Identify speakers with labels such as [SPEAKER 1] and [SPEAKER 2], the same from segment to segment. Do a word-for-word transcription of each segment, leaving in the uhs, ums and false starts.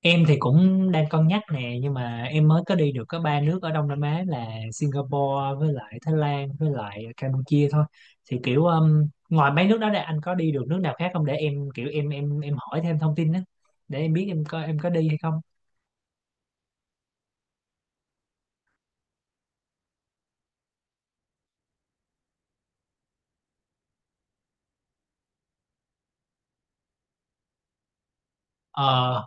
[SPEAKER 1] Em thì cũng đang cân nhắc nè nhưng mà em mới có đi được có ba nước ở Đông Nam Á là Singapore với lại Thái Lan với lại Campuchia thôi. Thì kiểu um, ngoài mấy nước đó ra anh có đi được nước nào khác không để em kiểu em em em hỏi thêm thông tin đó để em biết em có em có đi hay không. Ờ,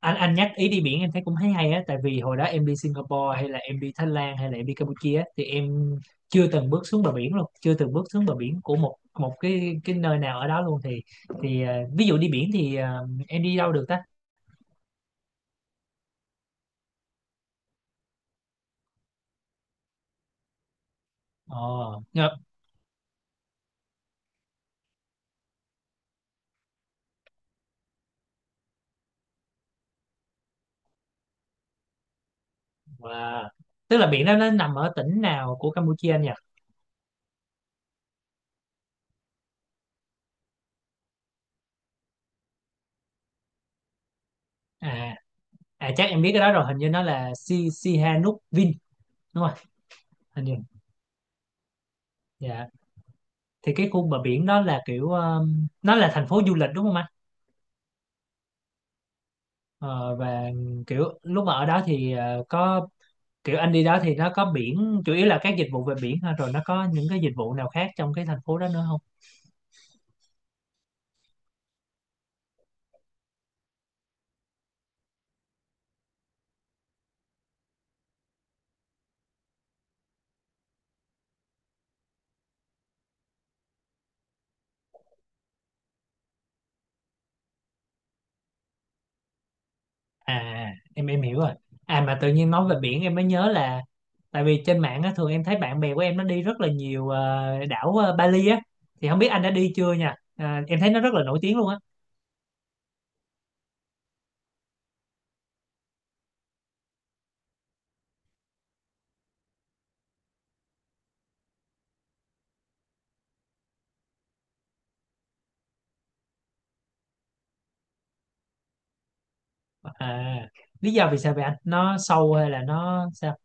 [SPEAKER 1] anh anh nhắc ý đi biển em thấy cũng thấy hay á, tại vì hồi đó em đi Singapore hay là em đi Thái Lan hay là em đi Campuchia á, thì em chưa từng bước xuống bờ biển luôn, chưa từng bước xuống bờ biển của một một cái cái nơi nào ở đó luôn thì thì ờ, ví dụ đi biển thì ờ, em đi đâu được ta. Ồ ngập. Wow. Tức là biển đó nó nằm ở tỉnh nào của Campuchia anh nhỉ? À, à chắc em biết cái đó rồi, hình như nó là Si Sihanouk Vin, đúng không? Hình như. Dạ. Thì cái khu bờ biển đó là kiểu ờ, nó là thành phố du lịch đúng không anh? Ờ, và kiểu lúc mà ở đó thì ờ, có kiểu anh đi đó thì nó có biển chủ yếu là các dịch vụ về biển thôi, rồi nó có những cái dịch vụ nào khác trong cái thành phố đó nữa không? À, em em hiểu rồi. À, mà tự nhiên nói về biển em mới nhớ là tại vì trên mạng á, thường em thấy bạn bè của em nó đi rất là nhiều ờ, đảo ờ, Bali á, thì không biết anh đã đi chưa nha. À, em thấy nó rất là nổi tiếng luôn á. À, lý do vì sao vậy anh, nó sâu hay là nó sao?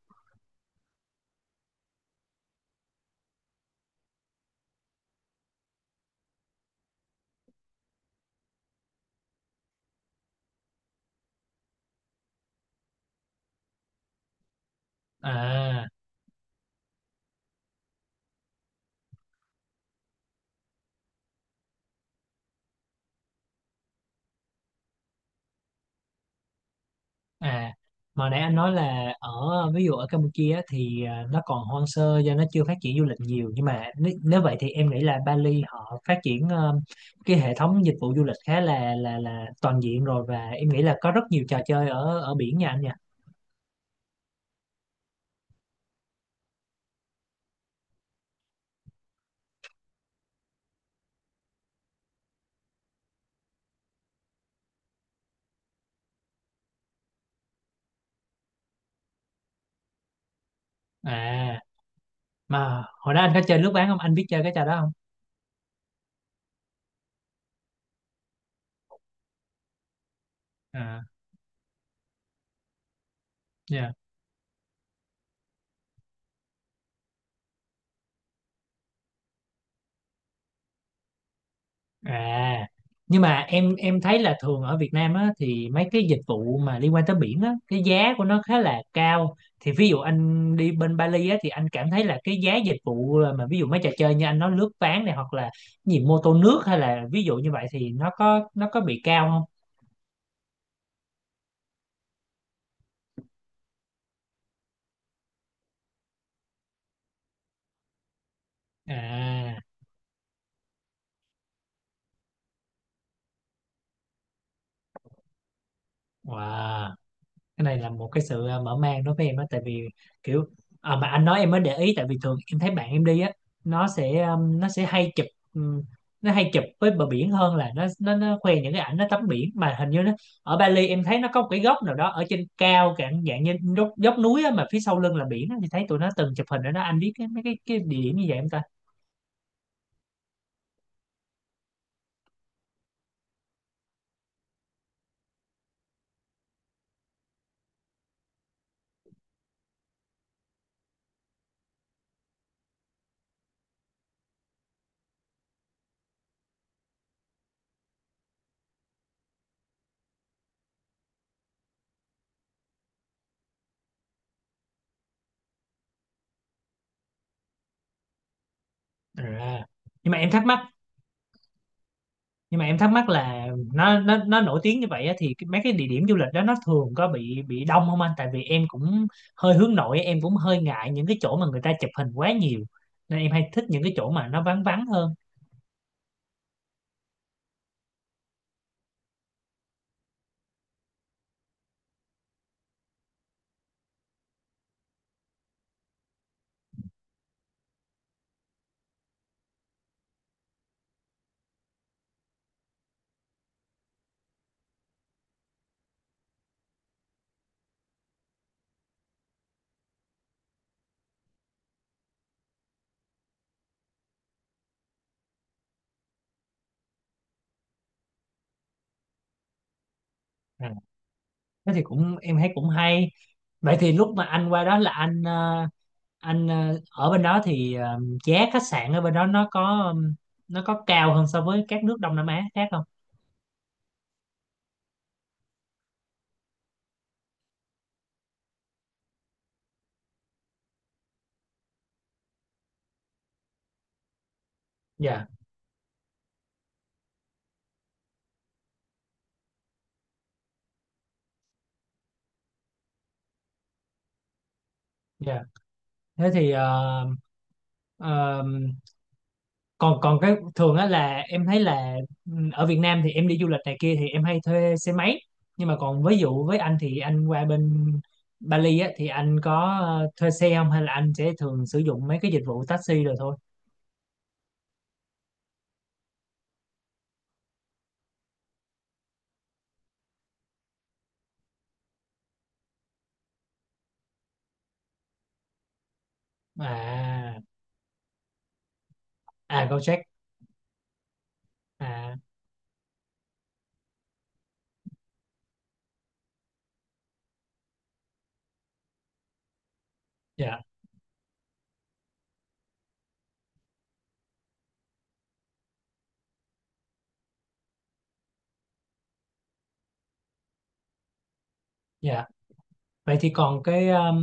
[SPEAKER 1] À. À, mà nãy anh nói là ở ví dụ ở Campuchia á, thì à, nó còn hoang sơ do nó chưa phát triển du lịch nhiều, nhưng mà nếu, nếu vậy thì em nghĩ là Bali họ phát triển ờ, cái hệ thống dịch vụ du lịch khá là là là toàn diện rồi, và em nghĩ là có rất nhiều trò chơi ở ở biển nha anh nha. À, mà hồi đó anh có chơi lướt ván không? Anh biết chơi cái trò đó không? À, dạ. À, nhưng mà em em thấy là thường ở Việt Nam á thì mấy cái dịch vụ mà liên quan tới biển á, cái giá của nó khá là cao. Thì ví dụ anh đi bên Bali á thì anh cảm thấy là cái giá dịch vụ mà ví dụ mấy trò chơi như anh nói lướt ván này hoặc là gì mô tô nước hay là ví dụ như vậy thì nó có nó có bị cao không? À, wow. Cái này là một cái sự à, mở mang đối với em á, tại vì kiểu à, mà anh nói em mới để ý tại vì thường em thấy bạn em đi á, nó sẽ um, nó sẽ hay chụp um, nó hay chụp với bờ biển hơn là nó nó nó khoe những cái ảnh nó tắm biển, mà hình như nó ở Bali em thấy nó có một cái góc nào đó ở trên cao cả dạng như dốc, dốc núi á, mà phía sau lưng là biển á, thì thấy tụi nó từng chụp hình ở đó, anh biết cái mấy cái cái địa điểm như vậy em ta? À. Nhưng mà em thắc mắc, nhưng mà em thắc mắc là nó nó nó nổi tiếng như vậy á, thì cái- mấy cái địa điểm du lịch đó nó thường có bị bị đông không anh, tại vì em cũng hơi hướng nội, em cũng hơi ngại những cái chỗ mà người ta chụp hình quá nhiều, nên em hay thích những cái chỗ mà nó vắng vắng hơn. À, thế thì cũng em thấy cũng hay. Vậy thì lúc mà anh qua đó là anh ờ, anh ờ, ở bên đó thì ờ, giá khách sạn ở bên đó nó có ừm, nó có cao hơn so với các nước Đông Nam Á khác không? Dạ, dạ. Thế thì ờ, ờ, còn còn cái thường á là em thấy là ừ, ở Việt Nam thì em đi du lịch này kia thì em hay thuê xe máy, nhưng mà còn ví dụ với anh thì anh qua bên Bali á thì anh có ờ, thuê xe không hay là anh sẽ thường sử dụng mấy cái dịch vụ taxi rồi thôi? À, à Gojek. À, dạ, dạ. Vậy thì còn cái um,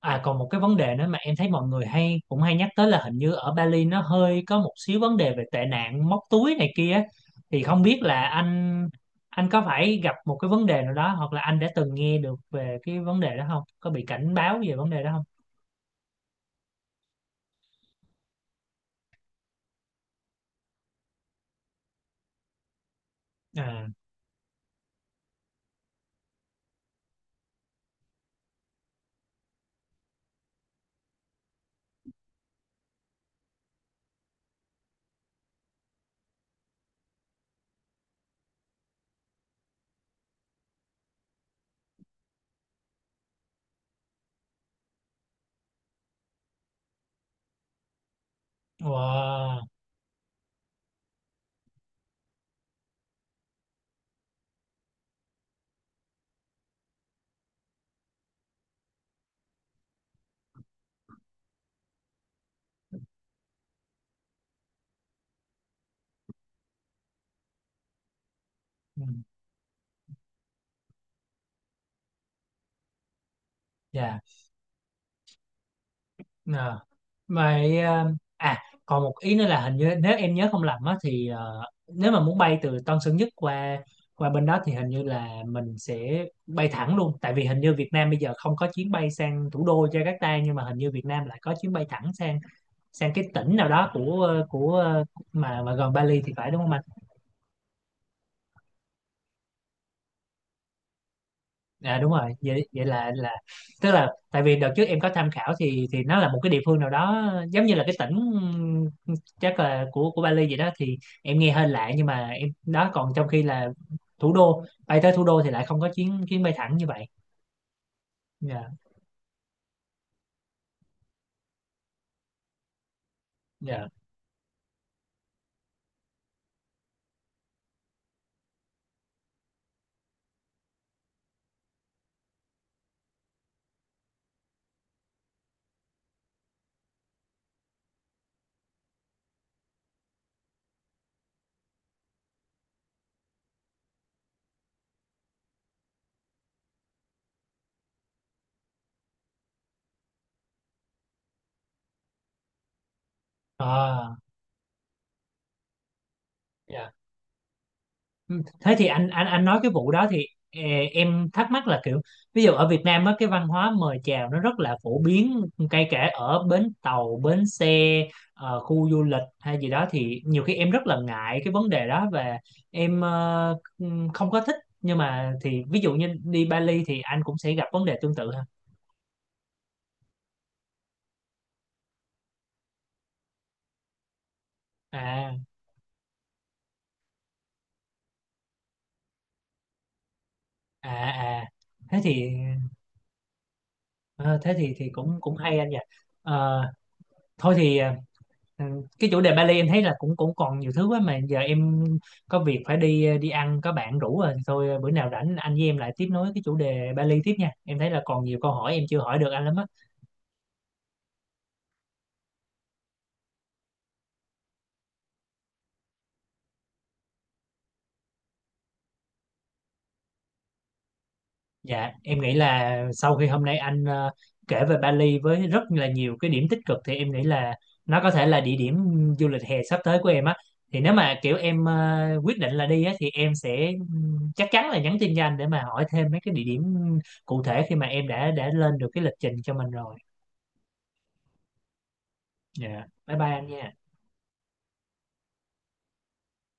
[SPEAKER 1] à còn một cái vấn đề nữa mà em thấy mọi người hay cũng hay nhắc tới là hình như ở Bali nó hơi có một xíu vấn đề về tệ nạn móc túi này kia á. Thì không biết là anh, anh có phải gặp một cái vấn đề nào đó hoặc là anh đã từng nghe được về cái vấn đề đó không? Có bị cảnh báo về vấn đề đó không? À, wow. Ừ, dạ. Ờ. Vậy ờ, à còn một ý nữa là hình như nếu em nhớ không lầm á thì ờ, nếu mà muốn bay từ Tân Sơn Nhất qua qua bên đó thì hình như là mình sẽ bay thẳng luôn, tại vì hình như Việt Nam bây giờ không có chuyến bay sang thủ đô Jakarta, nhưng mà hình như Việt Nam lại có chuyến bay thẳng sang sang cái tỉnh nào đó của ờ, của ờ, mà mà gần Bali thì phải, đúng không anh? À đúng rồi, vậy vậy là là tức là tại vì đợt trước em có tham khảo thì thì nó là một cái địa phương nào đó giống như là cái tỉnh ừm, chắc là của của Bali vậy đó, thì em nghe hơi lạ nhưng mà em đó, còn trong khi là thủ đô bay tới thủ đô thì lại không có chuyến chuyến bay thẳng như vậy. Dạ. Dạ. À. Dạ. Ừ, thế thì anh anh anh nói cái vụ đó thì ờ, em thắc mắc là kiểu ví dụ ở Việt Nam á cái văn hóa mời chào nó rất là phổ biến, kể cả ở bến tàu bến xe, ờ, khu du lịch hay gì đó thì nhiều khi em rất là ngại cái vấn đề đó và em ờ, không có thích, nhưng mà thì ví dụ như đi Bali thì anh cũng sẽ gặp vấn đề tương tự ha? À, à, à. Thế thì ờ, thế thì thì cũng cũng hay anh nhỉ. Ờ, thôi thì ờ, ừ. Cái chủ đề Bali em thấy là cũng cũng còn nhiều thứ quá, mà giờ em có việc phải đi đi ăn, có bạn rủ rồi, thì thôi bữa nào rảnh anh với em lại tiếp nối cái chủ đề Bali tiếp nha, em thấy là còn nhiều câu hỏi em chưa hỏi được anh lắm á. Dạ em nghĩ là sau khi hôm nay anh ờ, kể về Bali với rất là nhiều cái điểm tích cực thì em nghĩ là nó có thể là địa điểm du lịch hè sắp tới của em á, thì nếu mà kiểu em ờ, quyết định là đi á thì em sẽ ừm, chắc chắn là nhắn tin cho anh để mà hỏi thêm mấy cái địa điểm cụ thể khi mà em đã đã lên được cái lịch trình cho mình rồi. Dạ. Bye bye em nha.